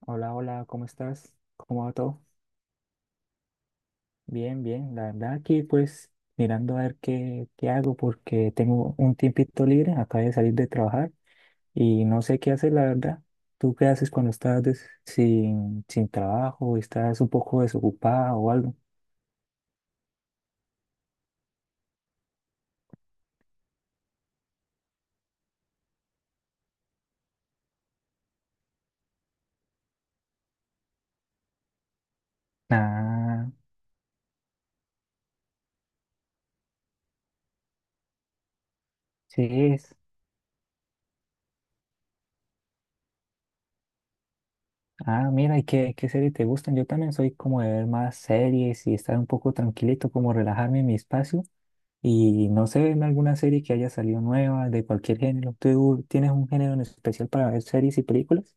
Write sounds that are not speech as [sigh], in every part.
Hola, hola, ¿cómo estás? ¿Cómo va todo? Bien, bien. La verdad aquí pues mirando a ver qué hago porque tengo un tiempito libre, acabo de salir de trabajar y no sé qué hacer, la verdad. ¿Tú qué haces cuando estás sin trabajo, estás un poco desocupado o algo? Ah, sí es. Ah, mira, ¿y qué series te gustan? Yo también soy como de ver más series y estar un poco tranquilito, como relajarme en mi espacio. Y no sé, en alguna serie que haya salido nueva, de cualquier género. ¿Tú tienes un género en especial para ver series y películas?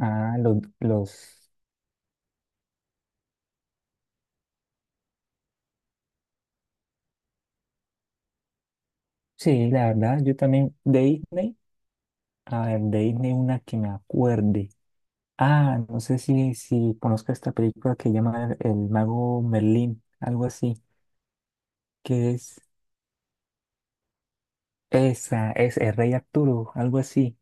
Ah, los, los... Sí, la verdad, yo también de Disney. A ver, de Disney una que me acuerde. Ah, no sé si conozco esta película que llama El Mago Merlín, algo así, que es esa, es El Rey Arturo, algo así.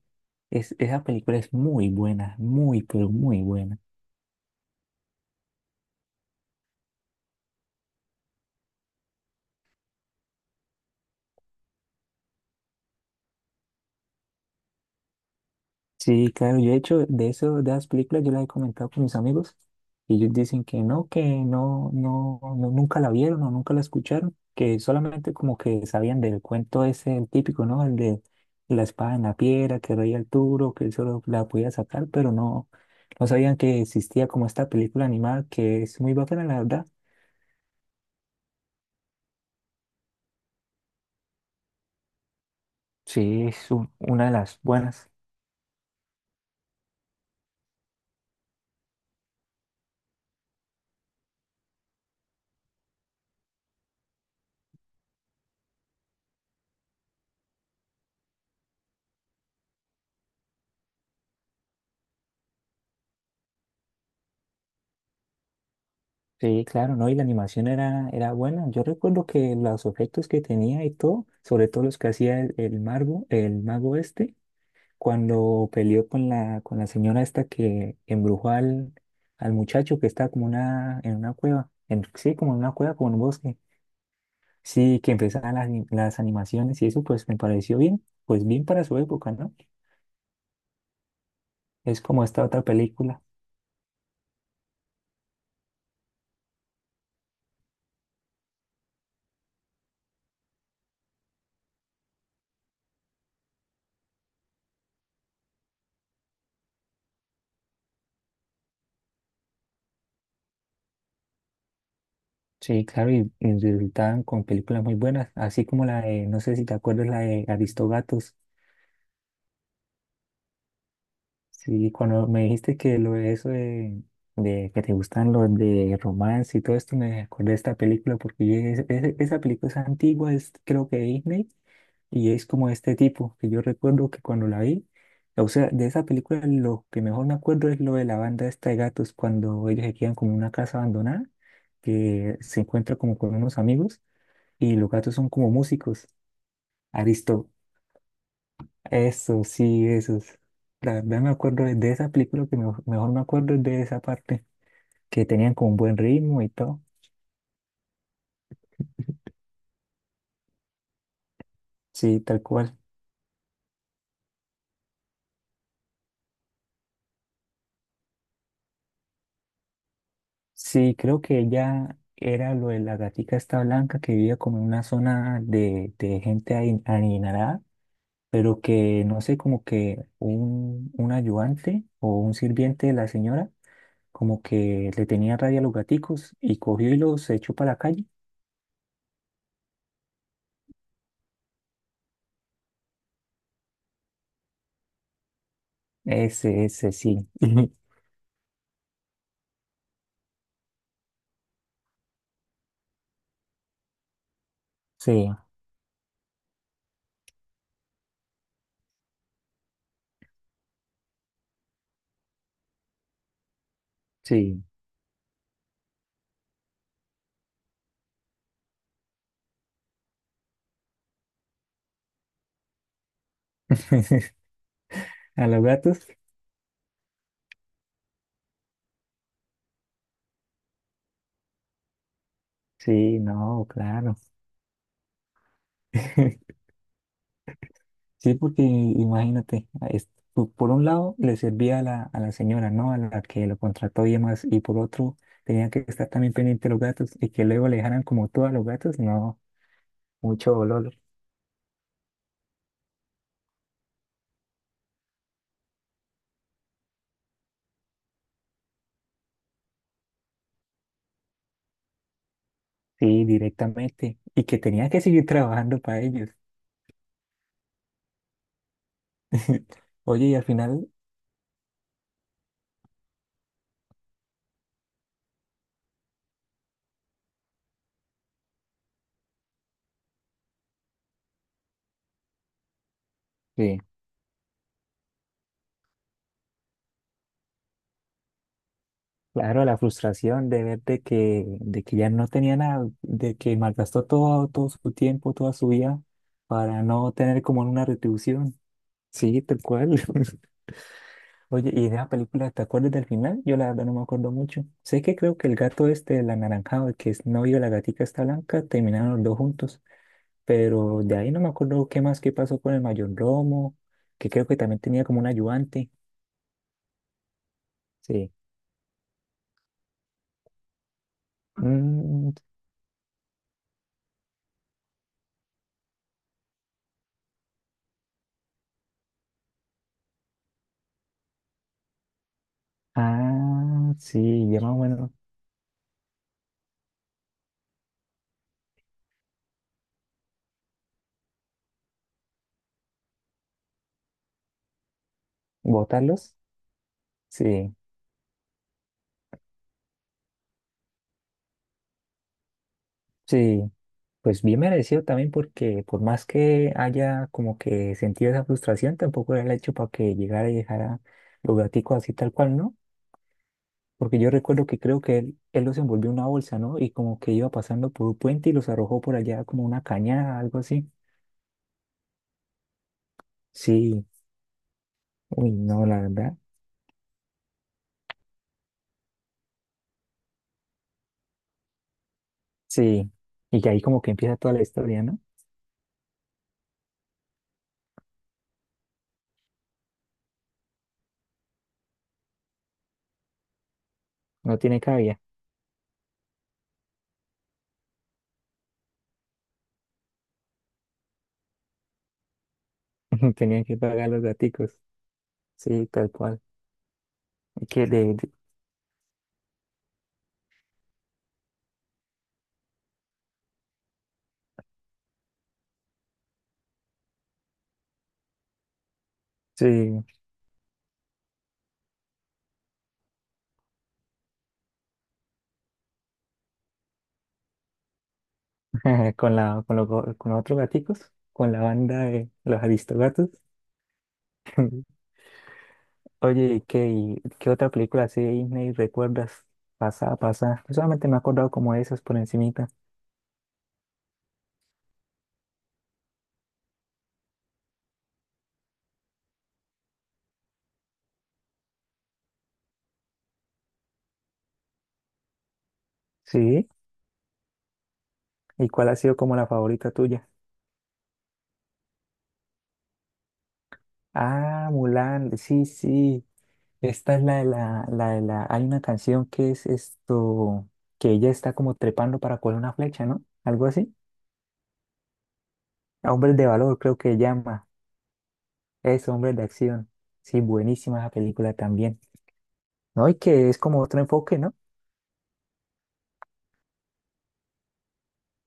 Esa película es muy buena, muy, pero muy buena. Sí, claro, yo he hecho de eso, de las películas, yo las he comentado con mis amigos y ellos dicen que no, que no, nunca la vieron o nunca la escucharon, que solamente como que sabían del cuento ese, el típico, ¿no? El de la espada en la piedra, que rey Arturo, que él solo la podía sacar, pero no, no sabían que existía como esta película animada que es muy bacana, la verdad. Sí, es una de las buenas. Sí, claro, ¿no? Y la animación era, era buena. Yo recuerdo que los efectos que tenía y todo, sobre todo los que hacía el mago, el mago este, cuando peleó con la señora esta que embrujó al, al muchacho que está como una, en una cueva, en, sí, como en una cueva, como en un bosque. Sí, que empezaban las, las animaciones y eso pues me pareció bien, pues bien para su época, ¿no? Es como esta otra película. Sí, claro, y resultaban con películas muy buenas, así como la de, no sé si te acuerdas, la de Aristogatos. Sí, cuando me dijiste que lo de eso de que te gustan los de romance y todo esto, me acordé de esta película porque yo dije: Esa película es antigua, es creo que de Disney, y es como este tipo, que yo recuerdo que cuando la vi, o sea, de esa película lo que mejor me acuerdo es lo de la banda esta de gatos, cuando ellos se quedan como en una casa abandonada, que se encuentra como con unos amigos, y los gatos son como músicos". Aristo, eso, sí, esos. La verdad, me acuerdo de esa película, que mejor, mejor me acuerdo es de esa parte, que tenían como un buen ritmo y todo. Sí, tal cual. Sí, creo que ella era lo de la gatica esta blanca que vivía como en una zona de gente adinerada, pero que no sé, como que un ayudante o un sirviente de la señora, como que le tenía rabia a los gaticos y cogió y los echó para la calle. Ese, sí. [laughs] Sí, sí. [laughs] ¿A los gatos? Sí, no, claro. [laughs] Sí, porque imagínate, por un lado le servía a la señora, ¿no? A la que lo contrató y demás, y por otro tenía que estar también pendiente de los gatos y que luego le dejaran como todo a los gatos, no, mucho dolor. Sí, directamente. Y que tenía que seguir trabajando para ellos. [laughs] Oye, y al final, sí. Claro, la frustración de ver de que ya no tenía nada, de que malgastó todo, todo su tiempo, toda su vida para no tener como una retribución. Sí, tal cual. [laughs] Oye, ¿y de la película te acuerdas del final? Yo la verdad no me acuerdo mucho. Sé que creo que el gato este, el anaranjado, el que es novio de la gatica está blanca, terminaron los dos juntos. Pero de ahí no me acuerdo qué más, qué pasó con el mayor Romo, que creo que también tenía como un ayudante. Sí. Mm, ah, sí, ya más o ¿votarlos? Sí, sí, pues bien merecido también porque por más que haya como que sentido esa frustración, tampoco era el hecho para que llegara y dejara los gaticos así tal cual, ¿no? Porque yo recuerdo que creo que él los envolvió en una bolsa, ¿no? Y como que iba pasando por un puente y los arrojó por allá como una cañada, algo así. Sí, uy, no, la verdad, sí. Y que ahí como que empieza toda la historia, ¿no? No tiene cabida, [laughs] tenían que pagar los gaticos, sí, tal cual. Y que sí. [laughs] Con la, con, con los otros gaticos, con la banda de los Aristogatos. [laughs] Oye, ¿y y qué otra película así de Disney recuerdas? Pasada, pasada. Yo solamente me he acordado como de esas por encimita. Sí. ¿Y cuál ha sido como la favorita tuya? Ah, Mulan, sí, sí. Esta es la de la, la de la. Hay una canción que es esto, que ella está como trepando para coger una flecha, ¿no? Algo así. Hombres de valor, creo que llama. Es Hombres de Acción. Sí, buenísima esa película también. No, y que es como otro enfoque, ¿no?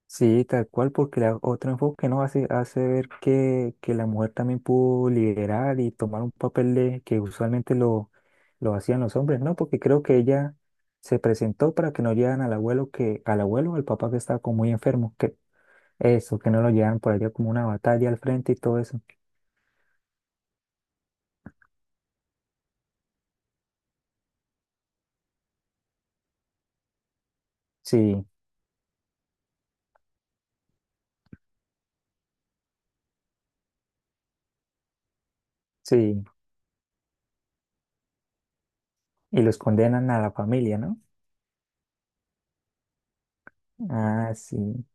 Sí, tal cual, porque la, otro enfoque nos hace, hace ver que la mujer también pudo liderar y tomar un papel de, que usualmente lo hacían los hombres, ¿no? Porque creo que ella se presentó para que no llevan al abuelo que, al abuelo, o al papá que estaba como muy enfermo, que eso, que no lo llevan por allá como una batalla al frente y todo eso. Sí, sí. Y los condenan a la familia, ¿no? Ah, sí.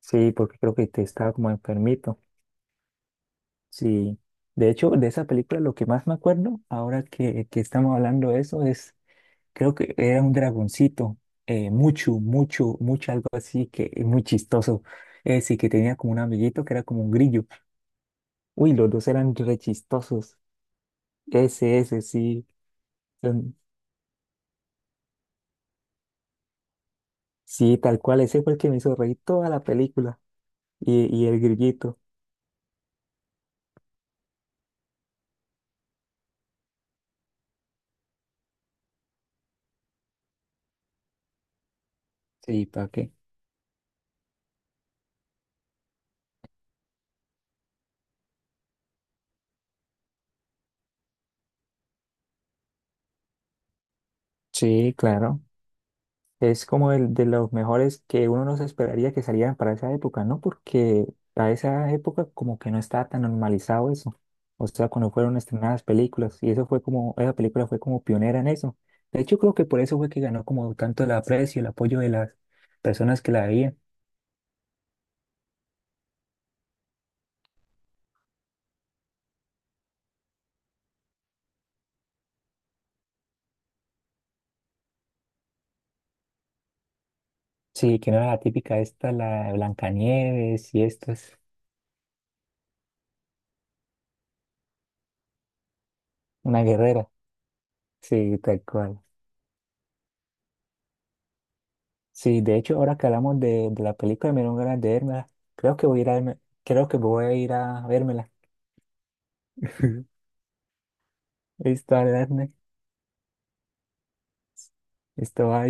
Sí, porque creo que te estaba como enfermito. Sí, de hecho, de esa película lo que más me acuerdo, ahora que estamos hablando de eso, es, creo que era un dragoncito, mucho, mucho, mucho, algo así, que es muy chistoso. Ese que tenía como un amiguito que era como un grillo. Uy, los dos eran re chistosos. Ese, sí. son- Sí, tal cual, ese fue el que me hizo reír toda la película. Y el grillito. Sí, ¿para qué? Sí, claro. Es como el de los mejores que uno no se esperaría que salieran para esa época, ¿no? Porque a esa época como que no estaba tan normalizado eso. O sea, cuando fueron estrenadas películas y eso fue como, esa película fue como pionera en eso. De hecho, creo que por eso fue que ganó como tanto el aprecio, el apoyo de las personas que la veían. Sí, que no era la típica esta, la de Blancanieves y esto es una guerrera. Sí, tal cual. Sí, de hecho, ahora que hablamos de la película, me dieron ganas de vérmela. Creo que voy a ir a, creo que voy a ir a vérmela. [laughs] Listo, Ariadne. Esto va